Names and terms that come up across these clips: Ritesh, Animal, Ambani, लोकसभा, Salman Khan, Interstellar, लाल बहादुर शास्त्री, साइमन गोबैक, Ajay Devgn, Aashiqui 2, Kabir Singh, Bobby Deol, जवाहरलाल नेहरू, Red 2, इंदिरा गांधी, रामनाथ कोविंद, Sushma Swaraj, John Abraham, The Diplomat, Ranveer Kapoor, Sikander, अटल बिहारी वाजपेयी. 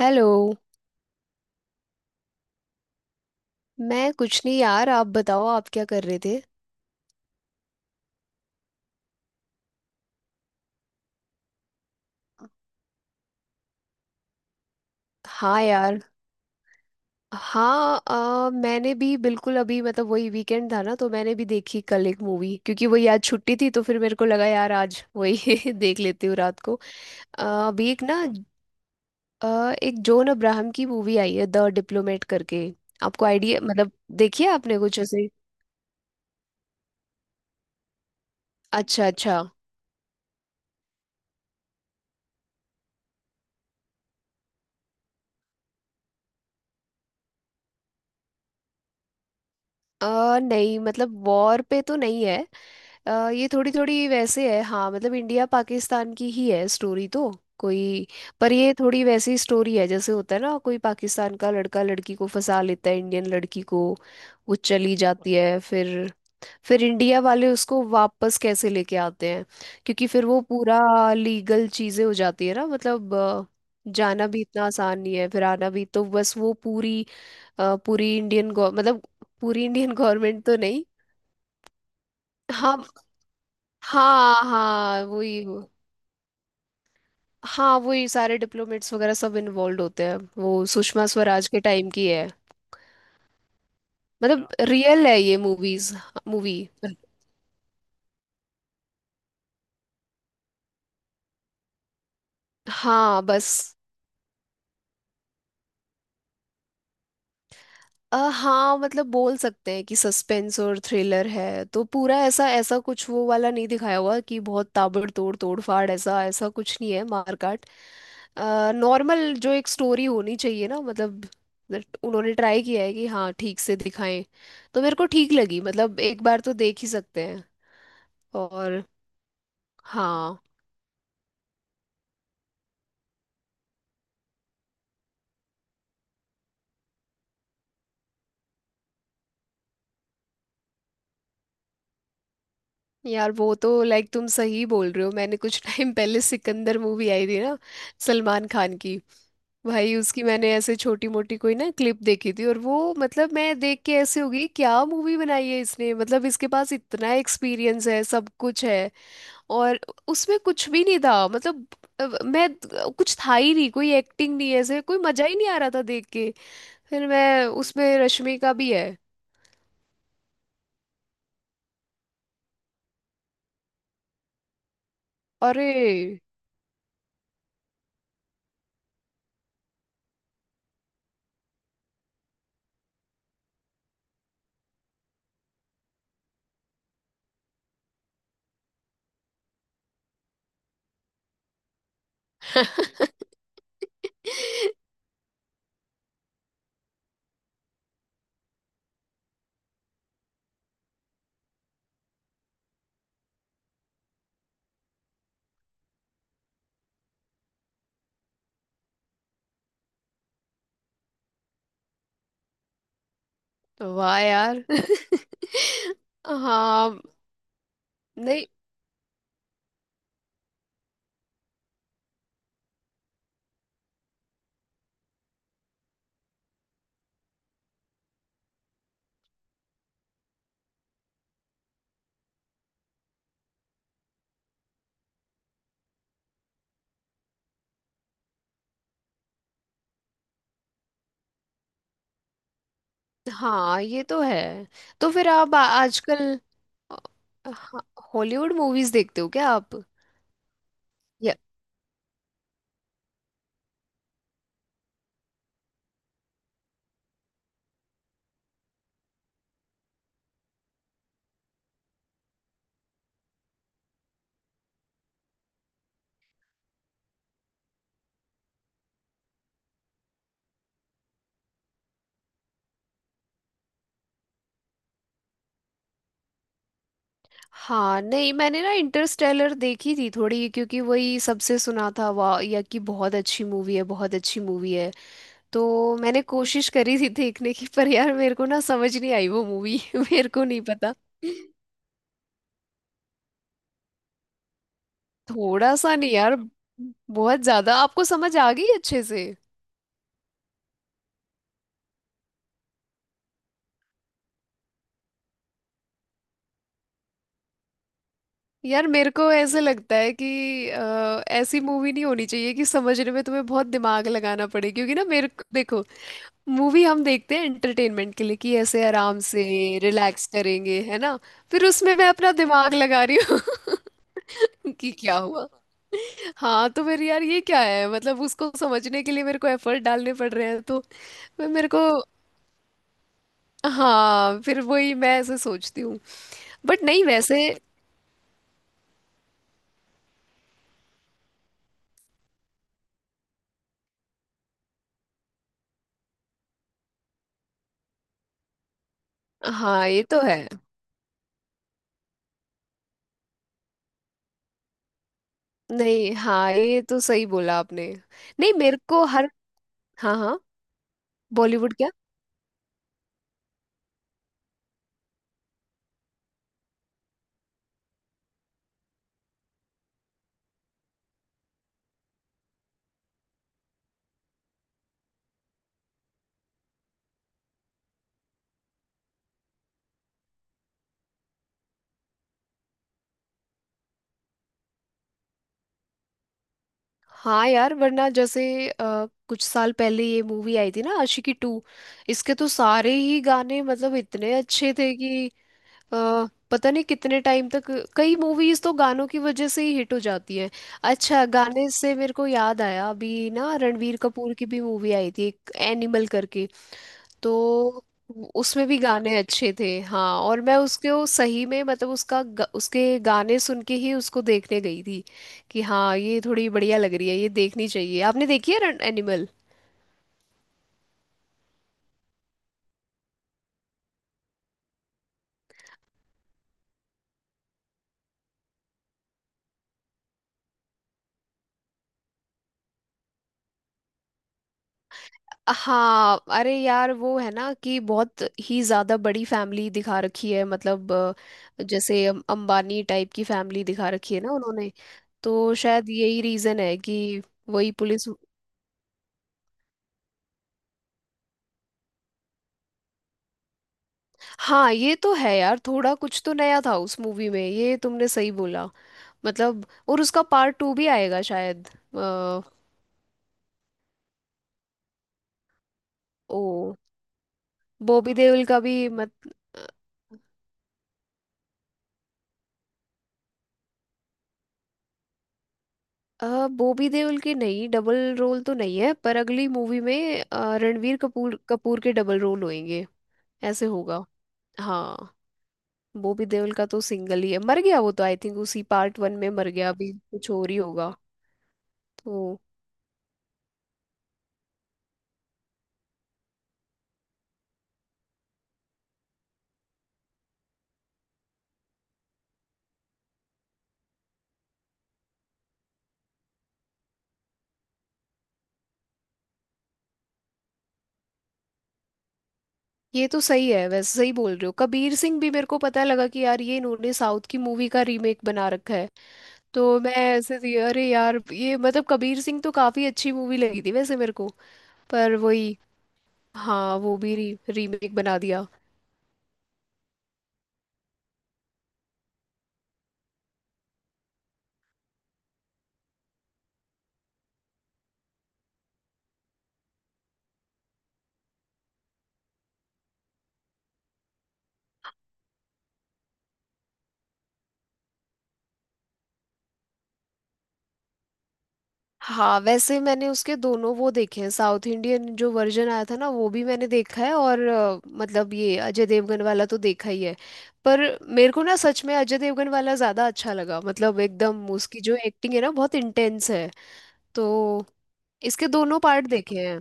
Hello. मैं कुछ नहीं यार, आप बताओ आप क्या कर रहे थे? हाँ यार। हाँ। मैंने भी बिल्कुल अभी मतलब वही वीकेंड था ना, तो मैंने भी देखी कल एक मूवी क्योंकि वही आज छुट्टी थी तो फिर मेरे को लगा यार आज वही देख लेती हूँ रात को। अ, अभी एक ना। अ, एक जॉन अब्राहम की मूवी आई है द डिप्लोमेट करके। आपको आइडिया मतलब देखिए आपने कुछ ऐसे। अच्छा अच्छा। नहीं मतलब वॉर पे तो नहीं है। ये थोड़ी थोड़ी वैसे है हाँ, मतलब इंडिया पाकिस्तान की ही है स्टोरी तो। कोई। पर ये थोड़ी वैसी स्टोरी है जैसे होता है ना, कोई पाकिस्तान का लड़का लड़की को फंसा लेता है, इंडियन लड़की को। वो चली जाती है फिर। फिर इंडिया वाले उसको वापस कैसे लेके आते हैं। क्योंकि फिर वो पूरा लीगल चीजें हो जाती है ना मतलब जाना भी इतना आसान नहीं है, फिर आना भी। तो बस वो पूरी पूरी इंडियन मतलब पूरी इंडियन गवर्नमेंट तो नहीं। हाँ, हाँ, हाँ, वही वो। हाँ वही सारे डिप्लोमेट्स वगैरह सब इन्वॉल्व होते हैं, वो सुषमा स्वराज के टाइम की है, मतलब हाँ रियल है ये मूवीज। मूवी। हाँ बस। हाँ मतलब बोल सकते हैं कि सस्पेंस और थ्रिलर है, तो पूरा ऐसा ऐसा कुछ वो वाला नहीं दिखाया हुआ कि बहुत ताबड़तोड़ तोड़फाड़, ऐसा ऐसा कुछ नहीं है मारकाट। नॉर्मल जो एक स्टोरी होनी चाहिए ना मतलब that उन्होंने ट्राई किया है कि हाँ ठीक से दिखाएं। तो मेरे को ठीक लगी, मतलब एक बार तो देख ही सकते हैं। और। हाँ यार वो तो लाइक तुम सही बोल रहे हो, मैंने कुछ टाइम पहले सिकंदर मूवी आई थी ना, सलमान खान की। भाई उसकी मैंने ऐसे छोटी मोटी कोई ना क्लिप देखी थी, और वो मतलब मैं देख के ऐसे हो गई क्या मूवी बनाई है इसने, मतलब इसके पास इतना एक्सपीरियंस है, सब कुछ है। और उसमें कुछ भी नहीं था मतलब मैं कुछ था ही नहीं, कोई एक्टिंग नहीं है, ऐसे कोई मजा ही नहीं आ रहा था देख के। फिर मैं उसमें रश्मि का भी है। अरे वाह यार हाँ। नहीं हाँ ये तो है। तो फिर आप आजकल हाँ हॉलीवुड मूवीज देखते हो क्या आप? या हाँ नहीं मैंने ना इंटरस्टेलर देखी थी थोड़ी, क्योंकि वही सबसे सुना था वाह या कि बहुत अच्छी मूवी है बहुत अच्छी मूवी है। तो मैंने कोशिश करी थी देखने की, पर यार मेरे को ना समझ नहीं आई वो मूवी मेरे को नहीं पता। थोड़ा सा नहीं यार, बहुत ज्यादा आपको समझ आ गई अच्छे से। यार मेरे को ऐसे लगता है कि ऐसी मूवी नहीं होनी चाहिए कि समझने में तुम्हें बहुत दिमाग लगाना पड़े, क्योंकि ना मेरे को देखो मूवी हम देखते हैं एंटरटेनमेंट के लिए, कि ऐसे आराम से रिलैक्स करेंगे है ना। फिर उसमें मैं अपना दिमाग लगा रही हूँ कि क्या हुआ। हाँ तो फिर यार ये क्या है, मतलब उसको समझने के लिए मेरे को एफर्ट डालने पड़ रहे हैं तो। मैं मेरे को हाँ फिर वही मैं ऐसे सोचती हूँ। बट नहीं वैसे। हाँ ये तो है। नहीं हाँ ये तो सही बोला आपने। नहीं मेरे को हर। हाँ हाँ। बॉलीवुड। हाँ यार वरना जैसे कुछ साल पहले ये मूवी आई थी ना आशिकी टू। इसके तो सारे ही गाने मतलब इतने अच्छे थे कि अ, पता नहीं कितने टाइम तक। कई मूवीज तो गानों की वजह से ही हिट हो जाती हैं। अच्छा गाने से मेरे को याद आया, अभी ना रणवीर कपूर की भी मूवी आई थी एक एनिमल करके। तो उसमें भी गाने अच्छे थे हाँ, और मैं उसके वो सही में मतलब उसका उसके गाने सुन के ही उसको देखने गई थी कि हाँ ये थोड़ी बढ़िया लग रही है, ये देखनी चाहिए। आपने देखी है रन एनिमल? हाँ अरे यार वो है ना कि बहुत ही ज्यादा बड़ी फैमिली दिखा रखी है, मतलब जैसे अंबानी टाइप की फैमिली दिखा रखी है ना उन्होंने। तो शायद यही रीजन है कि वही पुलिस। हाँ ये तो है यार, थोड़ा कुछ तो नया था उस मूवी में, ये तुमने सही बोला। मतलब और उसका पार्ट टू भी आएगा शायद ओ। बॉबी देओल का भी मत। बॉबी देओल की नहीं डबल रोल तो नहीं है, पर अगली मूवी में रणवीर कपूर कपूर के डबल रोल होंगे, ऐसे होगा। हाँ बॉबी देओल का तो सिंगल ही है, मर गया वो तो आई थिंक उसी पार्ट वन में मर गया, अभी कुछ और ही होगा तो। ये तो सही है, वैसे सही बोल रहे हो। कबीर सिंह भी मेरे को पता लगा कि यार ये इन्होंने साउथ की मूवी का रीमेक बना रखा है। तो मैं ऐसे थी अरे यार ये मतलब कबीर सिंह तो काफी अच्छी मूवी लगी थी वैसे मेरे को। पर वही हाँ वो भी रीमेक बना दिया। हाँ वैसे मैंने उसके दोनों वो देखे हैं, साउथ इंडियन जो वर्जन आया था ना वो भी मैंने देखा है, और मतलब ये अजय देवगन वाला तो देखा ही है। पर मेरे को ना सच में अजय देवगन वाला ज्यादा अच्छा लगा, मतलब एकदम उसकी जो एक्टिंग है ना बहुत इंटेंस है। तो इसके दोनों पार्ट देखे हैं।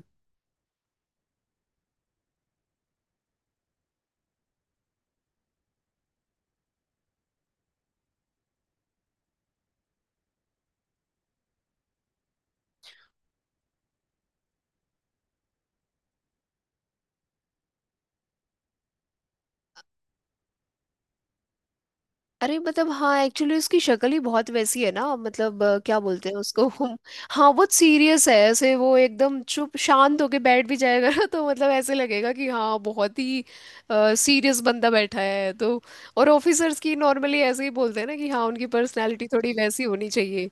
अरे मतलब हाँ एक्चुअली उसकी शक्ल ही बहुत वैसी है ना, मतलब क्या बोलते हैं उसको हम। हाँ बहुत सीरियस है ऐसे, वो एकदम चुप शांत होके बैठ भी जाएगा ना, तो मतलब ऐसे लगेगा कि हाँ बहुत ही सीरियस बंदा बैठा है तो। और ऑफिसर्स की नॉर्मली ऐसे ही बोलते हैं ना कि हाँ उनकी पर्सनैलिटी थोड़ी वैसी होनी चाहिए।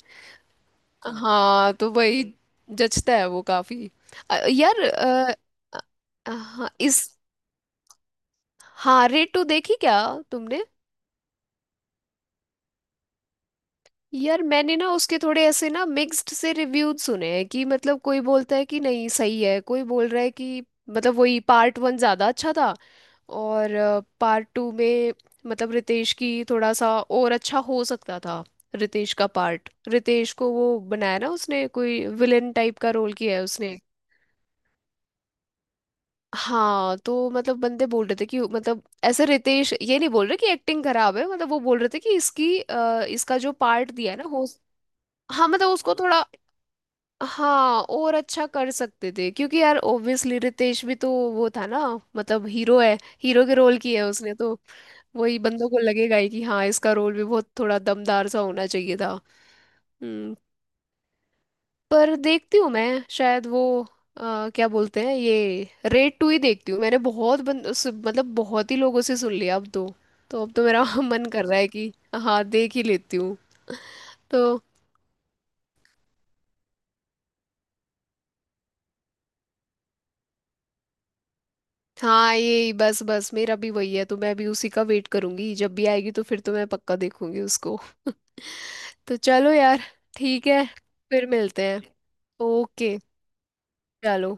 हाँ तो वही जचता है वो काफी। यार हाँ इस। हाँ रेड टू देखी क्या तुमने? यार मैंने ना उसके थोड़े ऐसे ना मिक्स्ड से रिव्यूज सुने हैं कि मतलब कोई बोलता है कि नहीं सही है, कोई बोल रहा है कि मतलब वही पार्ट वन ज़्यादा अच्छा था। और पार्ट टू में मतलब रितेश की थोड़ा सा और अच्छा हो सकता था। रितेश का पार्ट, रितेश को वो बनाया ना उसने, कोई विलेन टाइप का रोल किया है उसने। हाँ तो मतलब बंदे बोल रहे थे कि मतलब ऐसे रितेश ये नहीं बोल रहे कि एक्टिंग खराब है, मतलब वो बोल रहे थे कि इसकी इसका जो पार्ट दिया है ना हो। हाँ मतलब उसको थोड़ा हाँ और अच्छा कर सकते थे, क्योंकि यार ऑब्वियसली रितेश भी तो वो था ना मतलब हीरो है, हीरो के रोल की है उसने तो। वही बंदों को लगेगा ही कि हाँ इसका रोल भी बहुत थोड़ा दमदार सा होना चाहिए था। हम्म। पर देखती हूँ मैं, शायद वो क्या बोलते हैं ये रेड टू ही देखती हूँ, मैंने बहुत बंद मतलब बहुत ही लोगों से सुन लिया अब तो। तो अब तो मेरा मन कर रहा है कि हाँ देख ही लेती हूँ तो। हाँ ये बस बस मेरा भी वही है, तो मैं भी उसी का वेट करूंगी जब भी आएगी तो फिर तो मैं पक्का देखूंगी उसको तो चलो यार। ठीक है। फिर मिलते हैं। ओके। चलो।